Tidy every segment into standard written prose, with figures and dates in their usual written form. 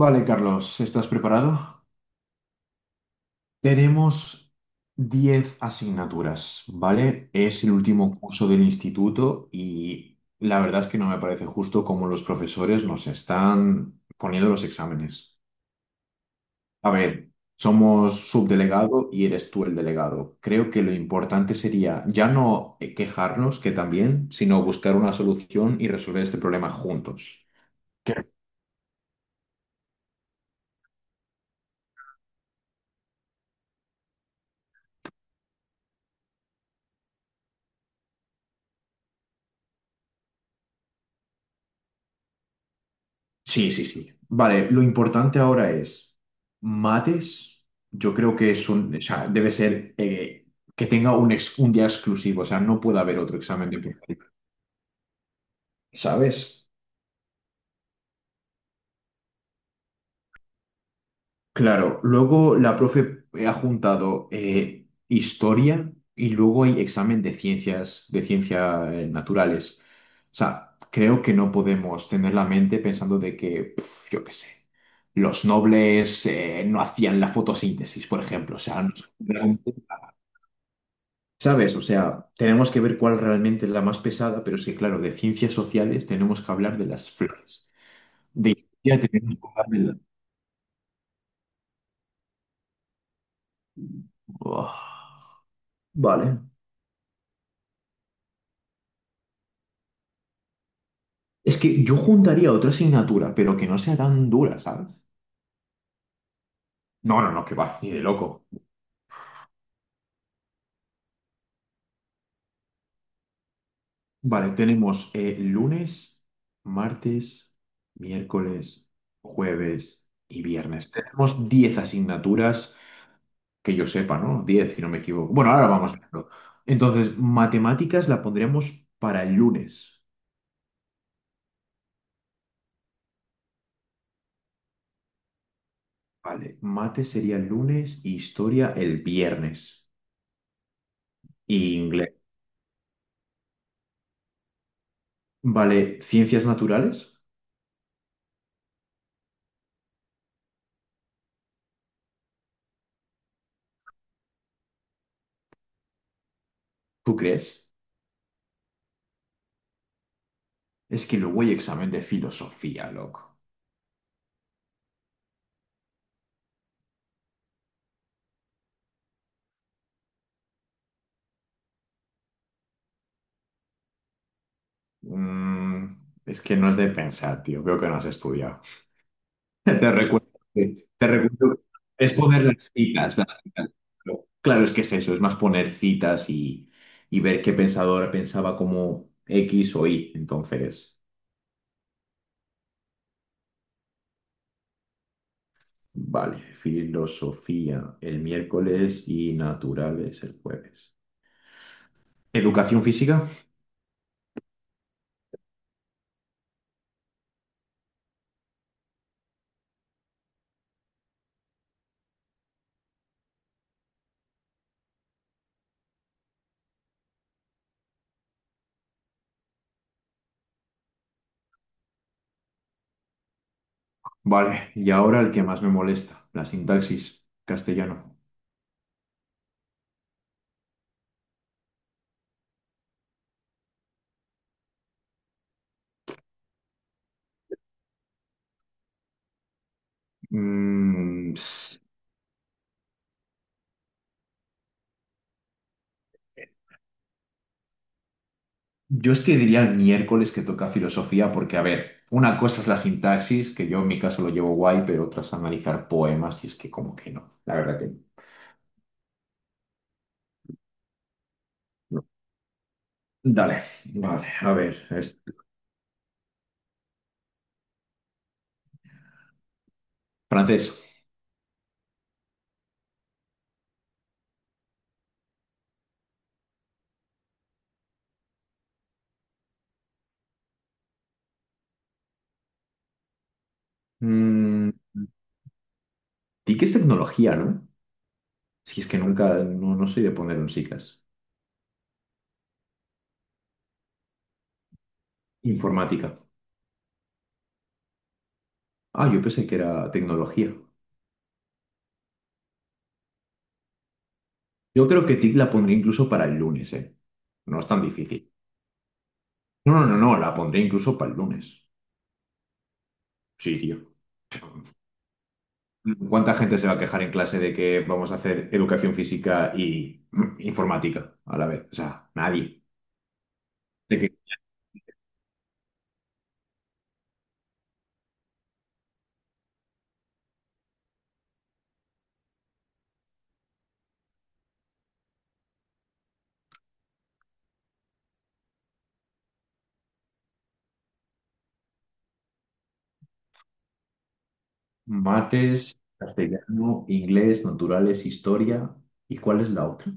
Vale, Carlos, ¿estás preparado? Tenemos 10 asignaturas, ¿vale? Es el último curso del instituto y la verdad es que no me parece justo cómo los profesores nos están poniendo los exámenes. A ver, somos subdelegado y eres tú el delegado. Creo que lo importante sería ya no quejarnos, que también, sino buscar una solución y resolver este problema juntos. Sí, sí, sí. Vale, lo importante ahora es mates. Yo creo que es o sea, debe ser que tenga un día exclusivo, o sea, no puede haber otro examen de ¿sabes? Claro, luego la profe ha juntado historia y luego hay examen de ciencias naturales. O sea, creo que no podemos tener la mente pensando de que, yo qué sé, los nobles no hacían la fotosíntesis, por ejemplo. O sea, realmente, ¿sabes? O sea, tenemos que ver cuál realmente es la más pesada, pero es que, claro, de ciencias sociales tenemos que hablar de las flores. De historia tenemos que hablar Buah. Vale. Es que yo juntaría otra asignatura, pero que no sea tan dura, ¿sabes? No, no, no, que va, ni de loco. Vale, tenemos lunes, martes, miércoles, jueves y viernes. Tenemos 10 asignaturas que yo sepa, ¿no? 10, si no me equivoco. Bueno, ahora vamos viendo. Entonces, matemáticas la pondríamos para el lunes. Vale, mate sería el lunes y historia el viernes. Y inglés. Vale, ciencias naturales, ¿tú crees? Es que luego hay examen de filosofía, loco. Mm, es que no es de pensar, tío. Veo que no has estudiado. Te recuerdo, te recuerdo que es poner las citas, las citas. Pero claro, es que es eso, es más poner citas y ver qué pensador pensaba como X o Y. Entonces, vale, filosofía el miércoles y naturales el jueves. Educación física, vale. Y ahora el que más me molesta, la sintaxis, castellano. Mm, s- yo es que diría el miércoles que toca filosofía, porque, a ver, una cosa es la sintaxis, que yo en mi caso lo llevo guay, pero otra es analizar poemas, y es que como que no, la verdad que no. Dale, vale, a ver, francés. Mm, TIC es tecnología, ¿no? Si es que nunca, no, no soy de poner un SICAS. Informática. Ah, yo pensé que era tecnología. Yo creo que TIC la pondré incluso para el lunes, ¿eh? No es tan difícil. No, no, no, no, la pondré incluso para el lunes. Sí, tío. ¿Cuánta gente se va a quejar en clase de que vamos a hacer educación física y informática a la vez? O sea, nadie. De que mates, castellano, inglés, naturales, historia. ¿Y cuál es la otra?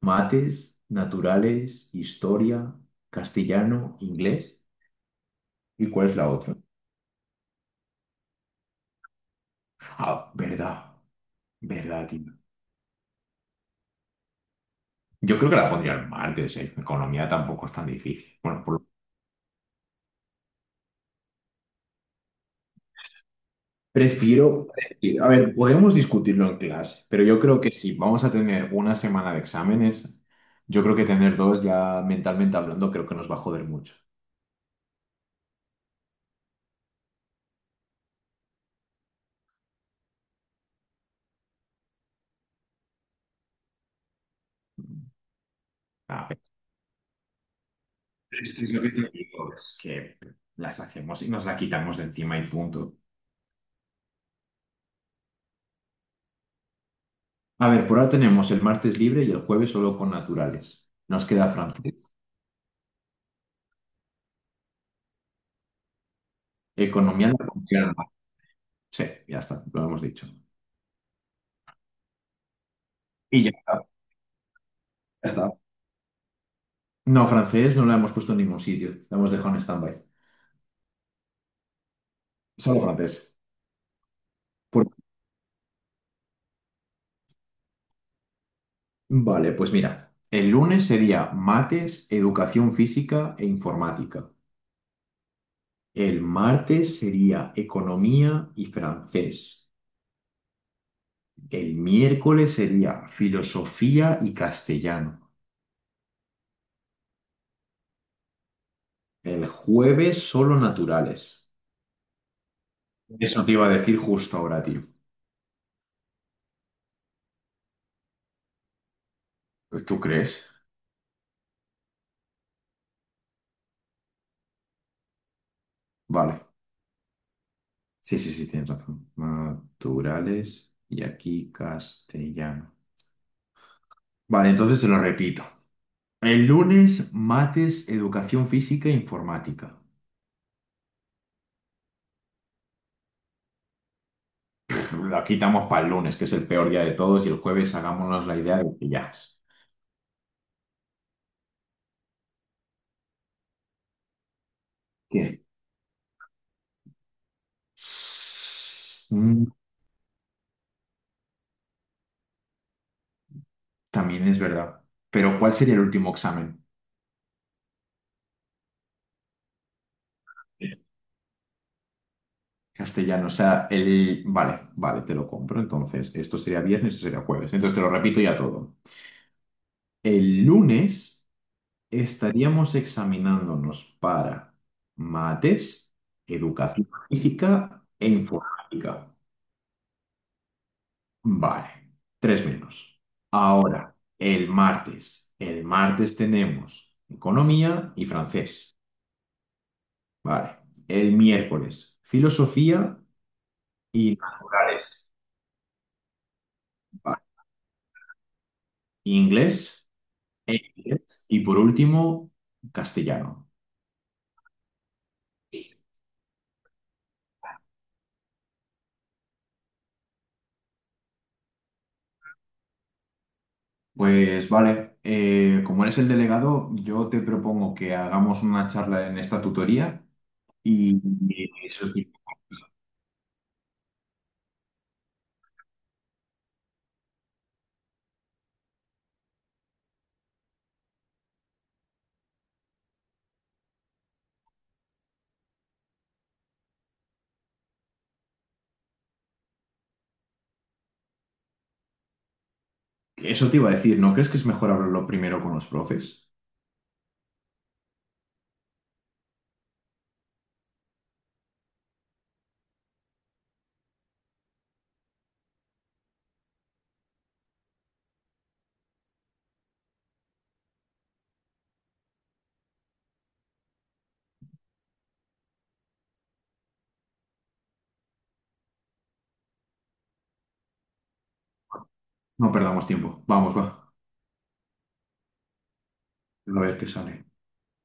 Mates, naturales, historia, castellano, inglés. ¿Y cuál es la otra? Ah, verdad, verdad, tío. Yo creo que la pondría el martes, ¿eh? Economía tampoco es tan difícil. Bueno, a ver, podemos discutirlo en clase, pero yo creo que si vamos a tener una semana de exámenes, yo creo que tener dos ya mentalmente hablando creo que nos va a joder mucho. Ah, pero es que es lo que te digo, es que las hacemos y nos la quitamos de encima y punto. A ver, por ahora tenemos el martes libre y el jueves solo con naturales. Nos queda francés, economía, la comunidad. Sí, ya está, lo hemos dicho. Y ya está, ya está. No, francés no lo hemos puesto en ningún sitio, lo hemos dejado en stand-by. Solo francés. Vale, pues mira, el lunes sería mates, educación física e informática. El martes sería economía y francés. El miércoles sería filosofía y castellano. El jueves solo naturales. Eso te iba a decir justo ahora, tío. ¿Tú crees? Vale. Sí, sí, sí, tienes razón. Naturales y aquí castellano. Vale, entonces te lo repito. El lunes, mates, educación física e informática. La quitamos para el lunes, que es el peor día de todos, y el jueves hagámonos la idea de que ya es. ¿Qué? Mm, También es verdad. Pero ¿cuál sería el último examen? Castellano, o sea. Vale, vale, te lo compro. Entonces, esto sería viernes, esto sería jueves. Entonces, te lo repito ya todo. El lunes estaríamos examinándonos para mates, educación física e informática. Vale, tres menos. Ahora, el martes. El martes tenemos economía y francés. Vale. El miércoles, filosofía y naturales. Vale. Inglés e inglés. Y por último, castellano. Pues vale, como eres el delegado, yo te propongo que hagamos una charla en esta tutoría y eso, es- eso te iba a decir, ¿no crees que es mejor hablarlo primero con los profes? No perdamos tiempo. Vamos, va. A ver qué sale.